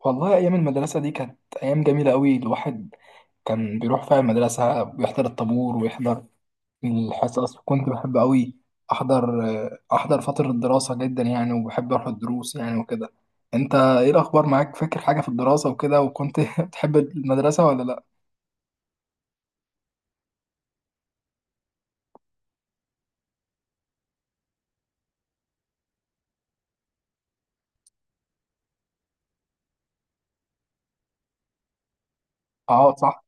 والله أيام المدرسة دي كانت أيام جميلة أوي. الواحد كان بيروح فيها المدرسة، بيحضر الطابور ويحضر الحصص. كنت بحب أوي أحضر أحضر فترة الدراسة جدا، يعني، وبحب أروح الدروس يعني وكده. أنت إيه الأخبار معاك؟ فاكر حاجة في الدراسة وكده؟ وكنت بتحب المدرسة ولا لأ؟ أه، صح.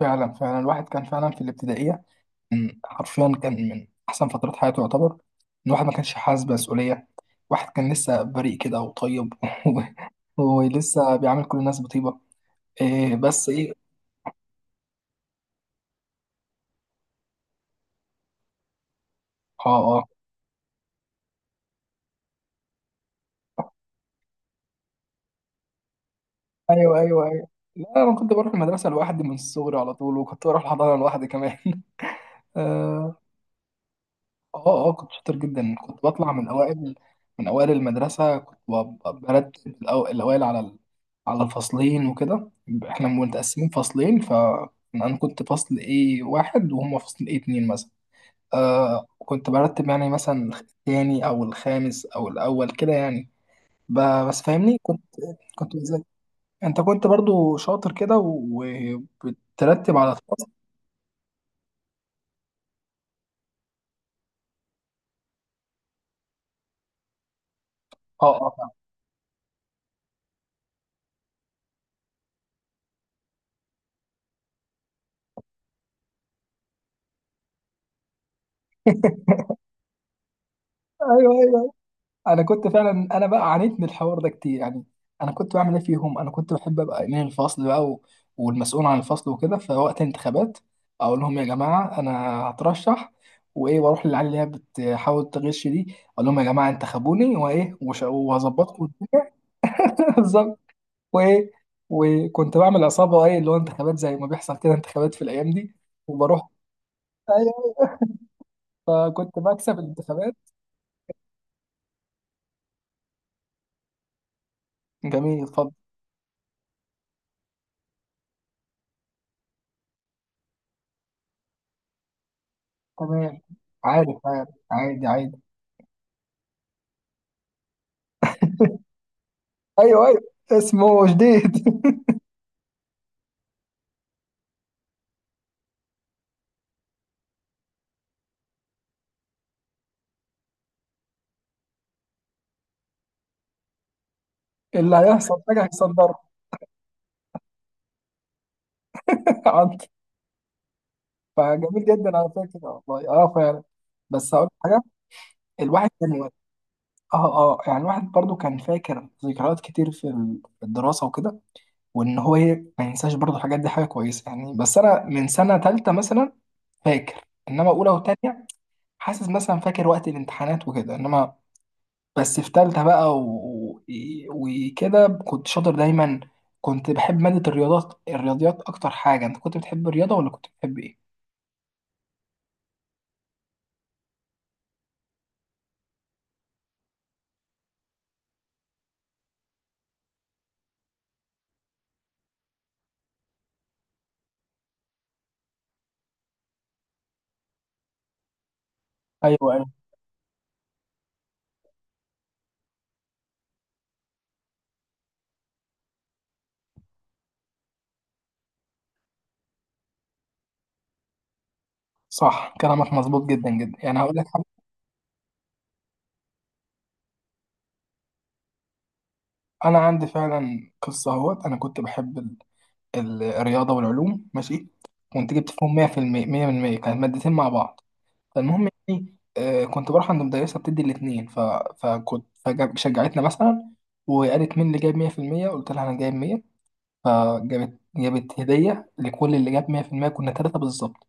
فعلا فعلا الواحد كان فعلا في الابتدائية. كان حرفيا، كان من احسن فترات حياته يعتبر. ان واحد ما كانش حاسس بمسؤوليه. واحد كان لسه بريء كده وطيب. ولسه بيعامل كل الناس بطيبه. إيه بس ايه. اه، اه. ايوه، ايوه، ايوه. لا، انا كنت بروح المدرسه لوحدي من الصغر على طول، وكنت بروح الحضانه لوحدي كمان. اه، اه. كنت شاطر جدا، كنت بطلع من اوائل، المدرسه. كنت برتب الاوائل على على الفصلين وكده. احنا متقسمين فصلين، فانا كنت فصل ايه واحد وهم فصل ايه اتنين مثلا. آه، كنت برتب يعني مثلا الثاني او الخامس او الاول كده يعني. بس فاهمني كنت. كنت بذاكر. انت كنت برضو شاطر كده وبترتب على الفصل. اه، اه. ايوه، ايوه. انا كنت فعلا، انا بقى عانيت من الحوار ده كتير، يعني انا كنت بعمل ايه فيهم. انا كنت بحب ابقى امين الفصل بقى والمسؤول عن الفصل وكده. فوقت الانتخابات اقول لهم: يا جماعه، انا هترشح وايه، واروح للعيال اللي هي بتحاول تغش دي، اقول لهم: يا جماعه، انتخبوني وايه وهظبطكم. بالظبط. وايه، وكنت بعمل عصابه ايه اللي هو انتخابات زي ما بيحصل كده انتخابات في الايام دي. وبروح، ايوه. فكنت بكسب الانتخابات. جميل، اتفضل. تمام. عارف، عارف، عادي، عادي. ايوه، ايوه. اسمه جديد. اللي هيحصل حاجه هيصدرها. عنده. فجميل جدا على فكره، والله. اه، فعلا. بس هقول لك حاجه: الواحد كان اه، اه، يعني الواحد برضو كان فاكر ذكريات كتير في في الدراسه وكده. وان هو ايه ما ينساش برضو الحاجات دي، حاجه كويسه يعني. بس انا من سنه ثالثه مثلا فاكر، انما اولى وثانيه حاسس مثلا فاكر وقت الامتحانات وكده، انما بس في تالتة بقى وكده كنت شاطر دايما. كنت بحب مادة الرياضيات أكتر حاجة. أنت كنت بتحب الرياضة ولا كنت بتحب إيه؟ أيوه، أيوه. صح، كلامك مظبوط جدا جدا. يعني هقول لك حاجة: أنا عندي فعلا قصة أهوت. أنا كنت بحب الرياضة والعلوم، ماشي. كنت جبت فيهم 100% 100%، كانت مادتين مع بعض. فالمهم يعني، كنت بروح عند مدرسة بتدي الاتنين فشجعتنا مثلا، وقالت مين اللي جايب 100%؟ قلت لها أنا جايب 100. فجابت هدية لكل اللي جاب 100%، كنا ثلاثة بالظبط.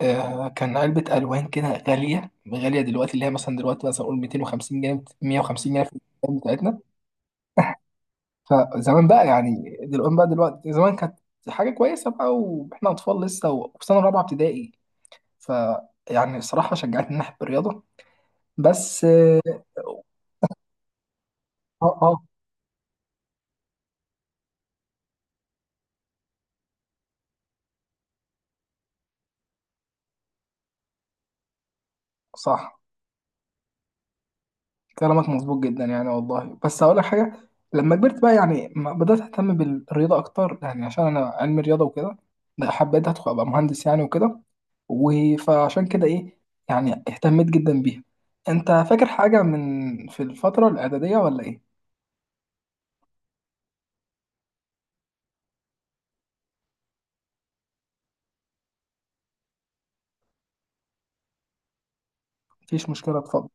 آه، كان علبة ألوان كده، غالية غالية دلوقتي، اللي هي مثلا دلوقتي مثلا أقول 250 جنيه 150 جنيه في الأيام بتاعتنا. فزمان بقى يعني دلوقتي بقى دلوقتي، زمان كانت حاجة كويسة بقى، وإحنا أطفال لسه، وفي سنة رابعة ابتدائي. ف، يعني الصراحة شجعتني ناحية الرياضة. بس اه، اه. صح، كلامك مظبوط جدا يعني والله. بس هقول لك حاجه: لما كبرت بقى يعني بدات اهتم بالرياضه اكتر، يعني عشان انا علم رياضه وكده. لا، حبيت ادخل ابقى مهندس يعني وكده. فعشان كده ايه، يعني اهتميت جدا بيها. انت فاكر حاجه من في الفتره الاعداديه ولا ايه؟ مفيش مشكله، اتفضل.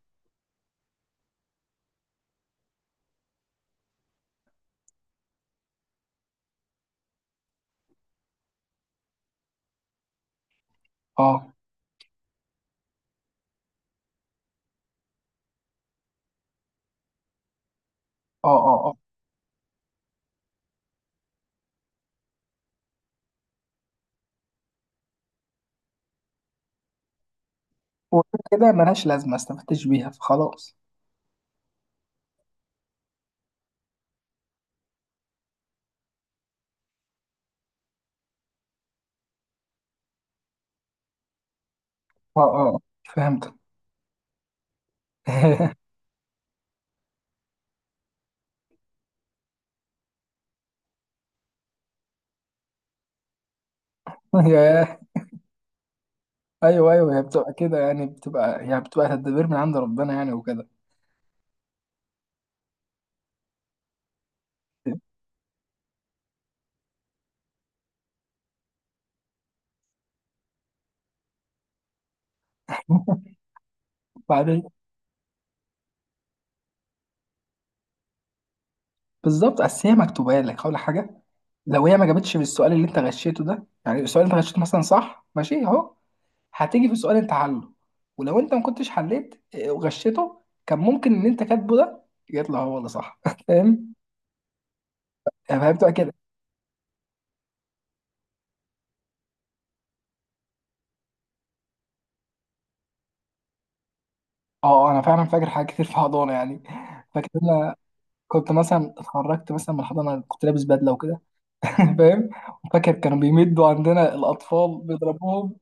اه، اه، اه، اه. وغير كده ملهاش لازمه استفدتش بيها، فخلاص. اه، اه، آه. فهمت. ياه. ايوه، ايوه، هي بتبقى كده يعني، بتبقى تدبير من عند ربنا يعني وكده. بعدين، بالظبط. اصل هي مكتوبه لك ولا حاجه. لو هي ما جابتش في السؤال اللي انت غشيته ده، يعني السؤال اللي انت غشيته مثلا صح، ماشي اهو. هتيجي في سؤال انت حله. ولو انت ما كنتش حليت وغشيته، كان ممكن ان انت كاتبه ده يطلع هو اللي صح. فاهم؟ فهي بتبقى كده. اه، انا فعلا فاكر حاجات كتير في حضانه يعني. فاكر إن انا كنت مثلا اتخرجت مثلا من الحضانه، كنت لابس بدله وكده. فاهم. وفاكر كانوا بيمدوا عندنا الاطفال، بيضربوهم.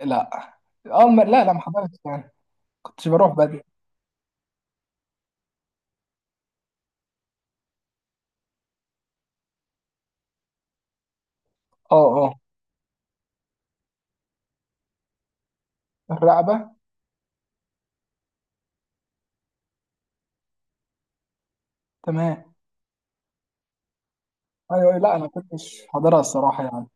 لا، اه، لا، لا، ما حضرتش يعني. كنتش بروح بدري. اه، اه. الرقبة. تمام. ايوه، أيوة. لا، انا كنتش حاضرها الصراحة يعني.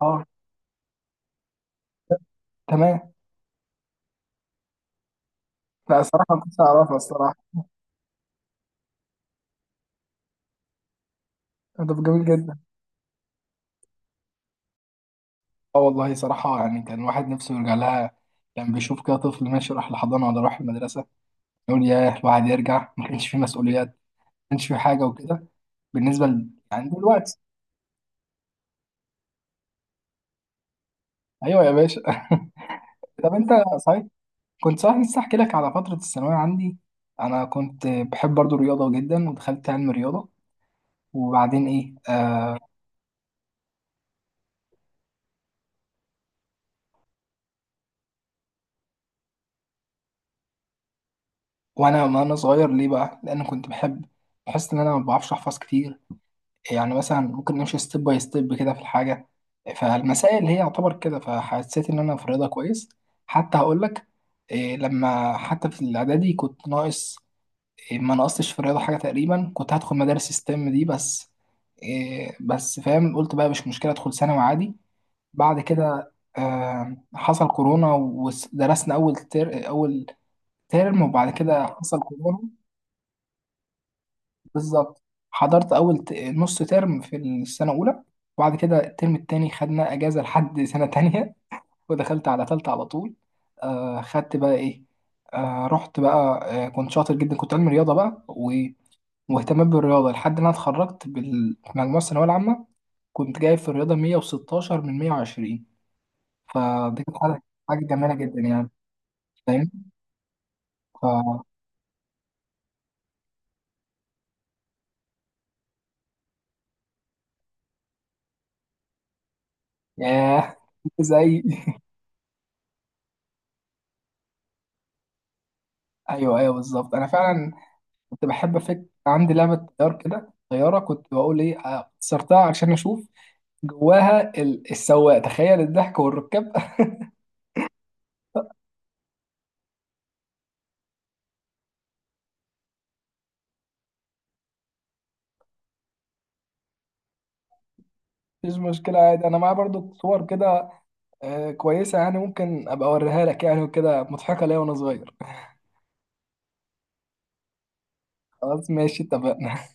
اه، تمام. لا، الصراحة ما كنتش أعرفها الصراحة. ده جميل جدا. اه، والله صراحة، يعني كان الواحد نفسه يرجع لها. كان بيشوف كده طفل ماشي راح الحضانة ولا راح المدرسة، يقول ياه، الواحد يرجع. ما كانش فيه مسؤوليات، ما كانش فيه حاجة وكده. يعني دلوقتي. أيوه يا باشا. طب أنت، صحيح، كنت صحيح لسه أحكي لك على فترة الثانوية عندي. أنا كنت بحب برضو الرياضة جدا، ودخلت علم رياضة. وبعدين ايه، آه، وانا صغير ليه بقى، لان كنت بحب، بحس ان انا ما بعرفش احفظ كتير. يعني مثلا ممكن نمشي ستيب باي ستيب كده في الحاجه، فالمسائل هي يعتبر كده. فحسيت ان انا في الرياضه كويس. حتى هقول لك إيه: لما حتى في الاعدادي كنت ناقص إيه، ما نقصتش في الرياضه حاجه تقريبا، كنت هدخل مدارس ستيم دي، بس إيه، بس فاهم، قلت بقى مش مشكله ادخل ثانوي عادي. بعد كده آه، حصل كورونا، ودرسنا اول اول ترم، وبعد كده حصل كورونا. بالظبط. حضرت أول نص ترم في السنة الأولى، وبعد كده الترم التاني خدنا أجازة لحد سنة تانية، ودخلت على تالتة على طول. آه، خدت بقى إيه. آه، رحت بقى. آه، كنت شاطر جدا، كنت علمي رياضة بقى واهتمام بالرياضة لحد ما أنا اتخرجت بالمجموعة الثانوية العامة. كنت جايب في الرياضة 116 من 120. فدي كانت حاجة جميلة جدا يعني. فاهم؟ ف، ياه. زي، ايوه، ايوه، بالظبط. انا فعلا كنت بحب افك، عندي لعبه كده طياره، كنت بقول ايه، كسرتها عشان اشوف جواها السواق، تخيل، الضحك والركاب. مفيش مشكله، عادي، انا معايا برضو صور كده. كويسه، يعني ممكن ابقى اوريها لك يعني وكده، مضحكه ليا وانا صغير. خلاص، ماشي، اتفقنا.